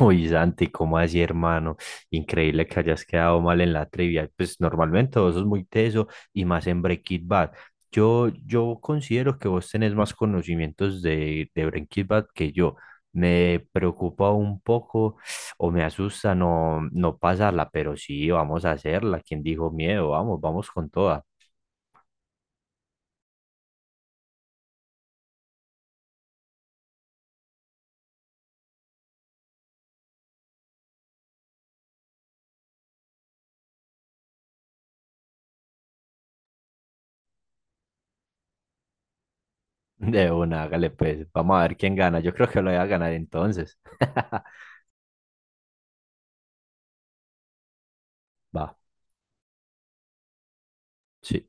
Uy, Santi, ¿cómo así, hermano? Increíble que hayas quedado mal en la trivia. Pues normalmente vos sos muy teso y más en Breaking Bad. Yo considero que vos tenés más conocimientos de Breaking Bad que yo. Me preocupa un poco o me asusta no pasarla, pero sí, vamos a hacerla. ¿Quién dijo miedo? Vamos, vamos con toda. De una, hágale pues. Vamos a ver quién gana. Yo creo que lo voy a ganar entonces. Va, sí.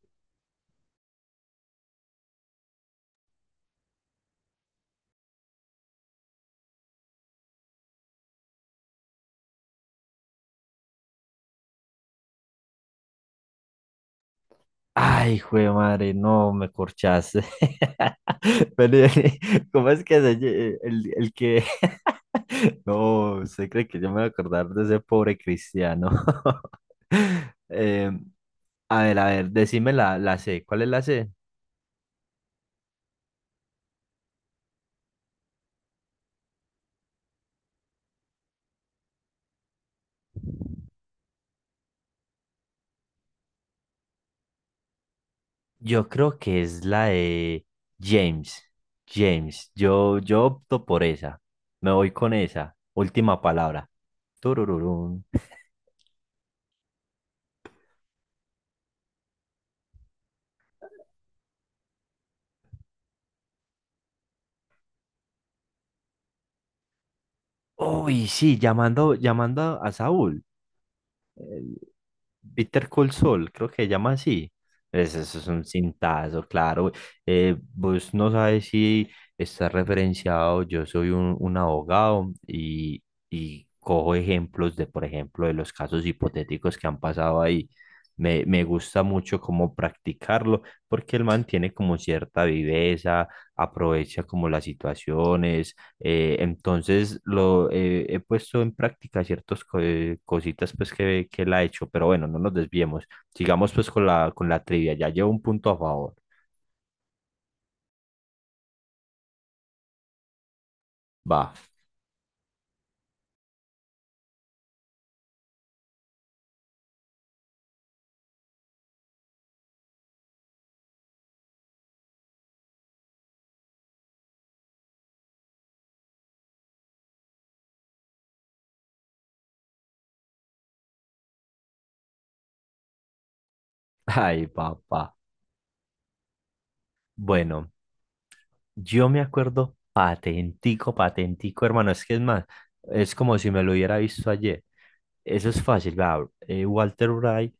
Ay, jue madre, no me corchaste. Pero, ¿cómo es que se lle- el que no, usted cree que yo me voy a acordar de ese pobre cristiano? Eh, a ver, a ver, decime la C. ¿Cuál es la C? Yo creo que es la de James. James, yo opto por esa. Me voy con esa. Última palabra. Turururún. Uy, sí, llamando, llamando a Saúl. El Bitter Cold Soul, creo que se llama así. Es- Eso es un cintazo, claro. Vos no sabes si está referenciado. Yo soy un abogado y cojo ejemplos de, por ejemplo, de los casos hipotéticos que han pasado ahí. Me gusta mucho cómo practicarlo porque el man tiene como cierta viveza, aprovecha como las situaciones, entonces lo he puesto en práctica ciertas co- cositas pues que él ha hecho, pero bueno, no nos desviemos. Sigamos pues con la trivia, ya llevo un punto a favor. Va. Ay, papá. Bueno, yo me acuerdo patentico, patentico, hermano, es que es más, es como si me lo hubiera visto ayer. Eso es fácil, vea, Walter Wright,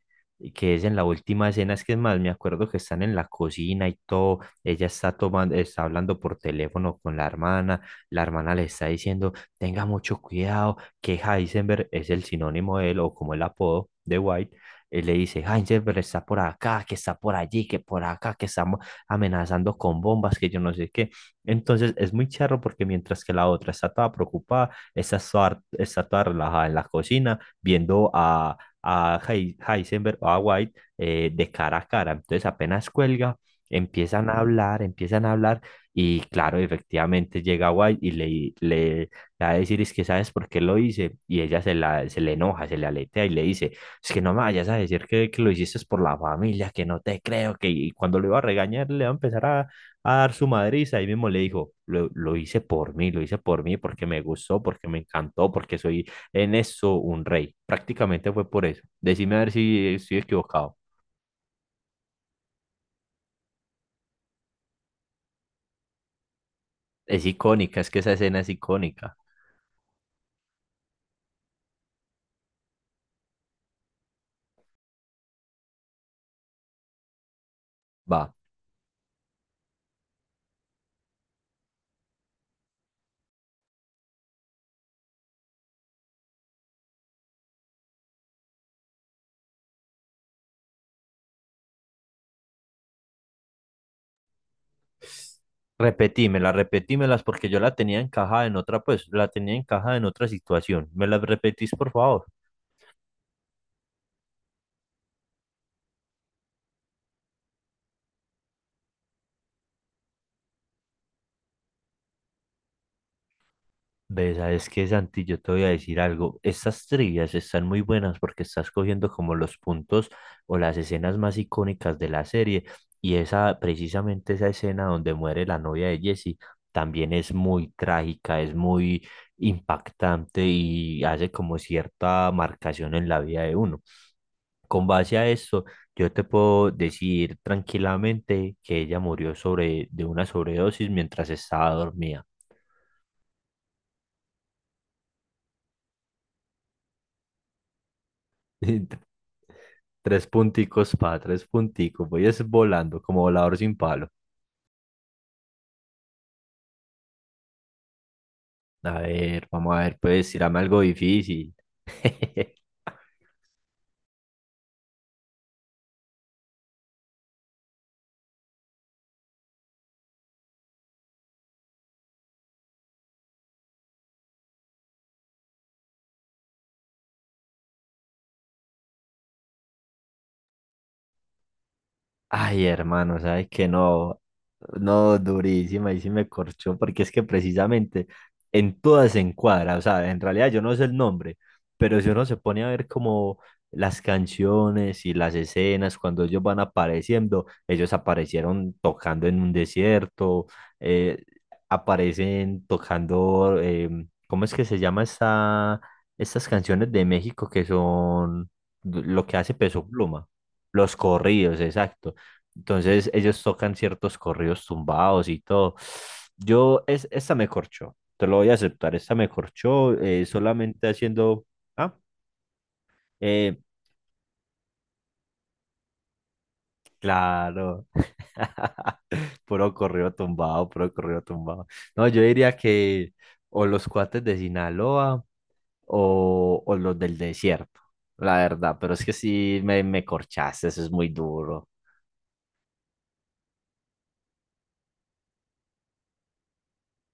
que es en la última escena, es que es más, me acuerdo que están en la cocina y todo, ella está tomando, está hablando por teléfono con la hermana le está diciendo, tenga mucho cuidado, que Heisenberg es el sinónimo de él, o como el apodo de White, él le dice, Heisenberg está por acá, que está por allí, que por acá, que estamos amenazando con bombas, que yo no sé qué. Entonces es muy charro porque mientras que la otra está toda preocupada, esta está toda relajada en la cocina viendo a Heisenberg o a White de cara a cara. Entonces apenas cuelga, empiezan a hablar y claro, efectivamente llega White y le va a decir es que sabes por qué lo hice y ella se, la, se le enoja, se le aletea y le dice es que no me vayas a decir que lo hiciste por la familia, que no te creo, que y cuando lo iba a regañar le va a empezar a dar su madriza, ahí mismo le dijo lo hice por mí, lo hice por mí porque me gustó, porque me encantó, porque soy en eso un rey. Prácticamente fue por eso. Decime a ver si estoy equivocado. Es icónica, es que esa escena es icónica. Va, repetímela, repetímelas porque yo la tenía encajada en otra, pues la tenía encajada en otra situación. ¿Me las repetís, por favor? Ves, sabes que Santi, yo te voy a decir algo. Estas trivias están muy buenas porque estás cogiendo como los puntos o las escenas más icónicas de la serie. Y esa, precisamente esa escena donde muere la novia de Jesse, también es muy trágica, es muy impactante y hace como cierta marcación en la vida de uno. Con base a esto, yo te puedo decir tranquilamente que ella murió sobre, de una sobredosis mientras estaba dormida. Tres punticos pa, tres punticos. Voy es volando como volador sin palo. A ver, vamos a ver, pues, tirame algo difícil. Ay, hermano, sabes que no, no, durísima, y sí me corchó, porque es que precisamente en todas se encuadra, o sea, en realidad yo no sé el nombre, pero si uno se pone a ver como las canciones y las escenas, cuando ellos van apareciendo, ellos aparecieron tocando en un desierto, eh, aparecen tocando, ¿cómo es que se llama esta, estas canciones de México que son lo que hace Peso Pluma? Los corridos, exacto, entonces ellos tocan ciertos corridos tumbados y todo. Yo, es, esta me corchó, te lo voy a aceptar, esta me corchó solamente haciendo... Ah, eh, claro. Puro corrido tumbado, puro corrido tumbado. No, yo diría que o los cuates de Sinaloa o los del desierto, la verdad, pero es que sí me corchaste, eso es muy duro.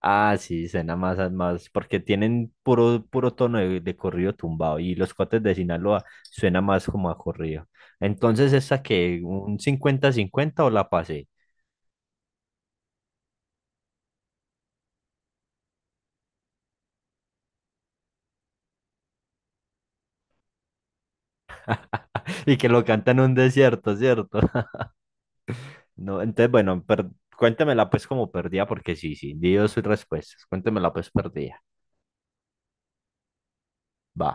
Ah, sí, suena más, a- más, porque tienen puro, puro tono de corrido tumbado y los cotes de Sinaloa suena más como a corrido. Entonces, ¿esa que un cincuenta-cincuenta o la pasé? Y que lo cantan en un desierto, ¿cierto? No, entonces, bueno, per- cuéntemela pues como perdida, porque sí, sí, dio sus respuestas. Cuéntemela pues perdida. Va.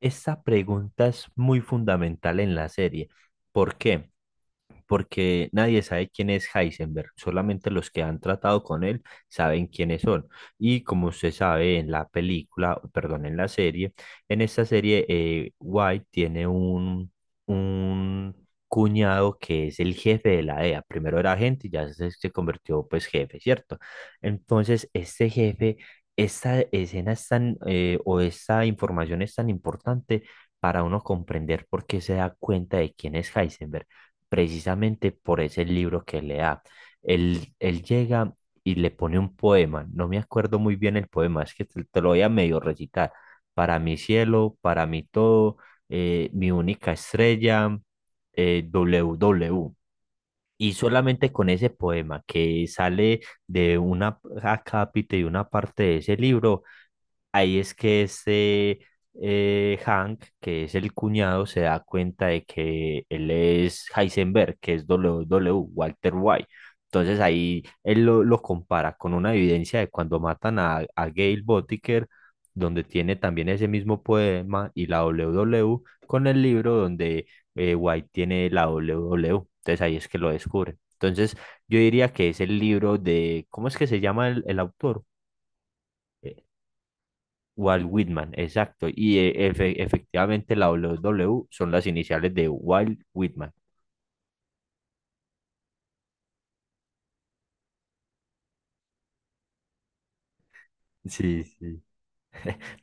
Esta pregunta es muy fundamental en la serie. ¿Por qué? Porque nadie sabe quién es Heisenberg, solamente los que han tratado con él saben quiénes son. Y como se sabe en la película, perdón, en la serie, en esta serie White tiene un cuñado que es el jefe de la DEA. Primero era agente y ya se convirtió pues jefe, ¿cierto? Entonces, este jefe, esta escena es tan, o esta información es tan importante para uno comprender por qué se da cuenta de quién es Heisenberg precisamente por ese libro que le da. Él llega y le pone un poema, no me acuerdo muy bien el poema, es que te lo voy a medio recitar. Para mi cielo, para mi todo, mi única estrella, w W. Y solamente con ese poema que sale de una acápite y una parte de ese libro, ahí es que este Hank, que es el cuñado, se da cuenta de que él es Heisenberg, que es WW, Walter White. Entonces ahí él lo compara con una evidencia de cuando matan a Gail Botiker, donde tiene también ese mismo poema, y la W WW con el libro donde White tiene la W WW. Entonces ahí es que lo descubre. Entonces yo diría que es el libro de, ¿cómo es que se llama el autor? Walt Whitman, exacto. Y efectivamente la W W son las iniciales de Walt Whitman. Sí, sí.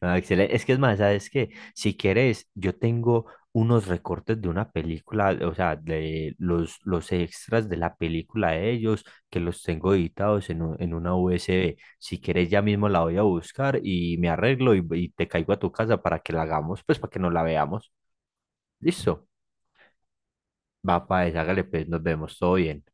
Ah, excelente. Es que es más, ¿sabes qué? Si quieres, yo tengo unos recortes de una película, o sea, de los extras de la película de ellos, que los tengo editados en, un- en una USB. Si quieres, ya mismo la voy a buscar y me arreglo y te caigo a tu casa para que la hagamos, pues para que nos la veamos. Listo. Va, pues, hágale, pues, nos vemos, todo bien.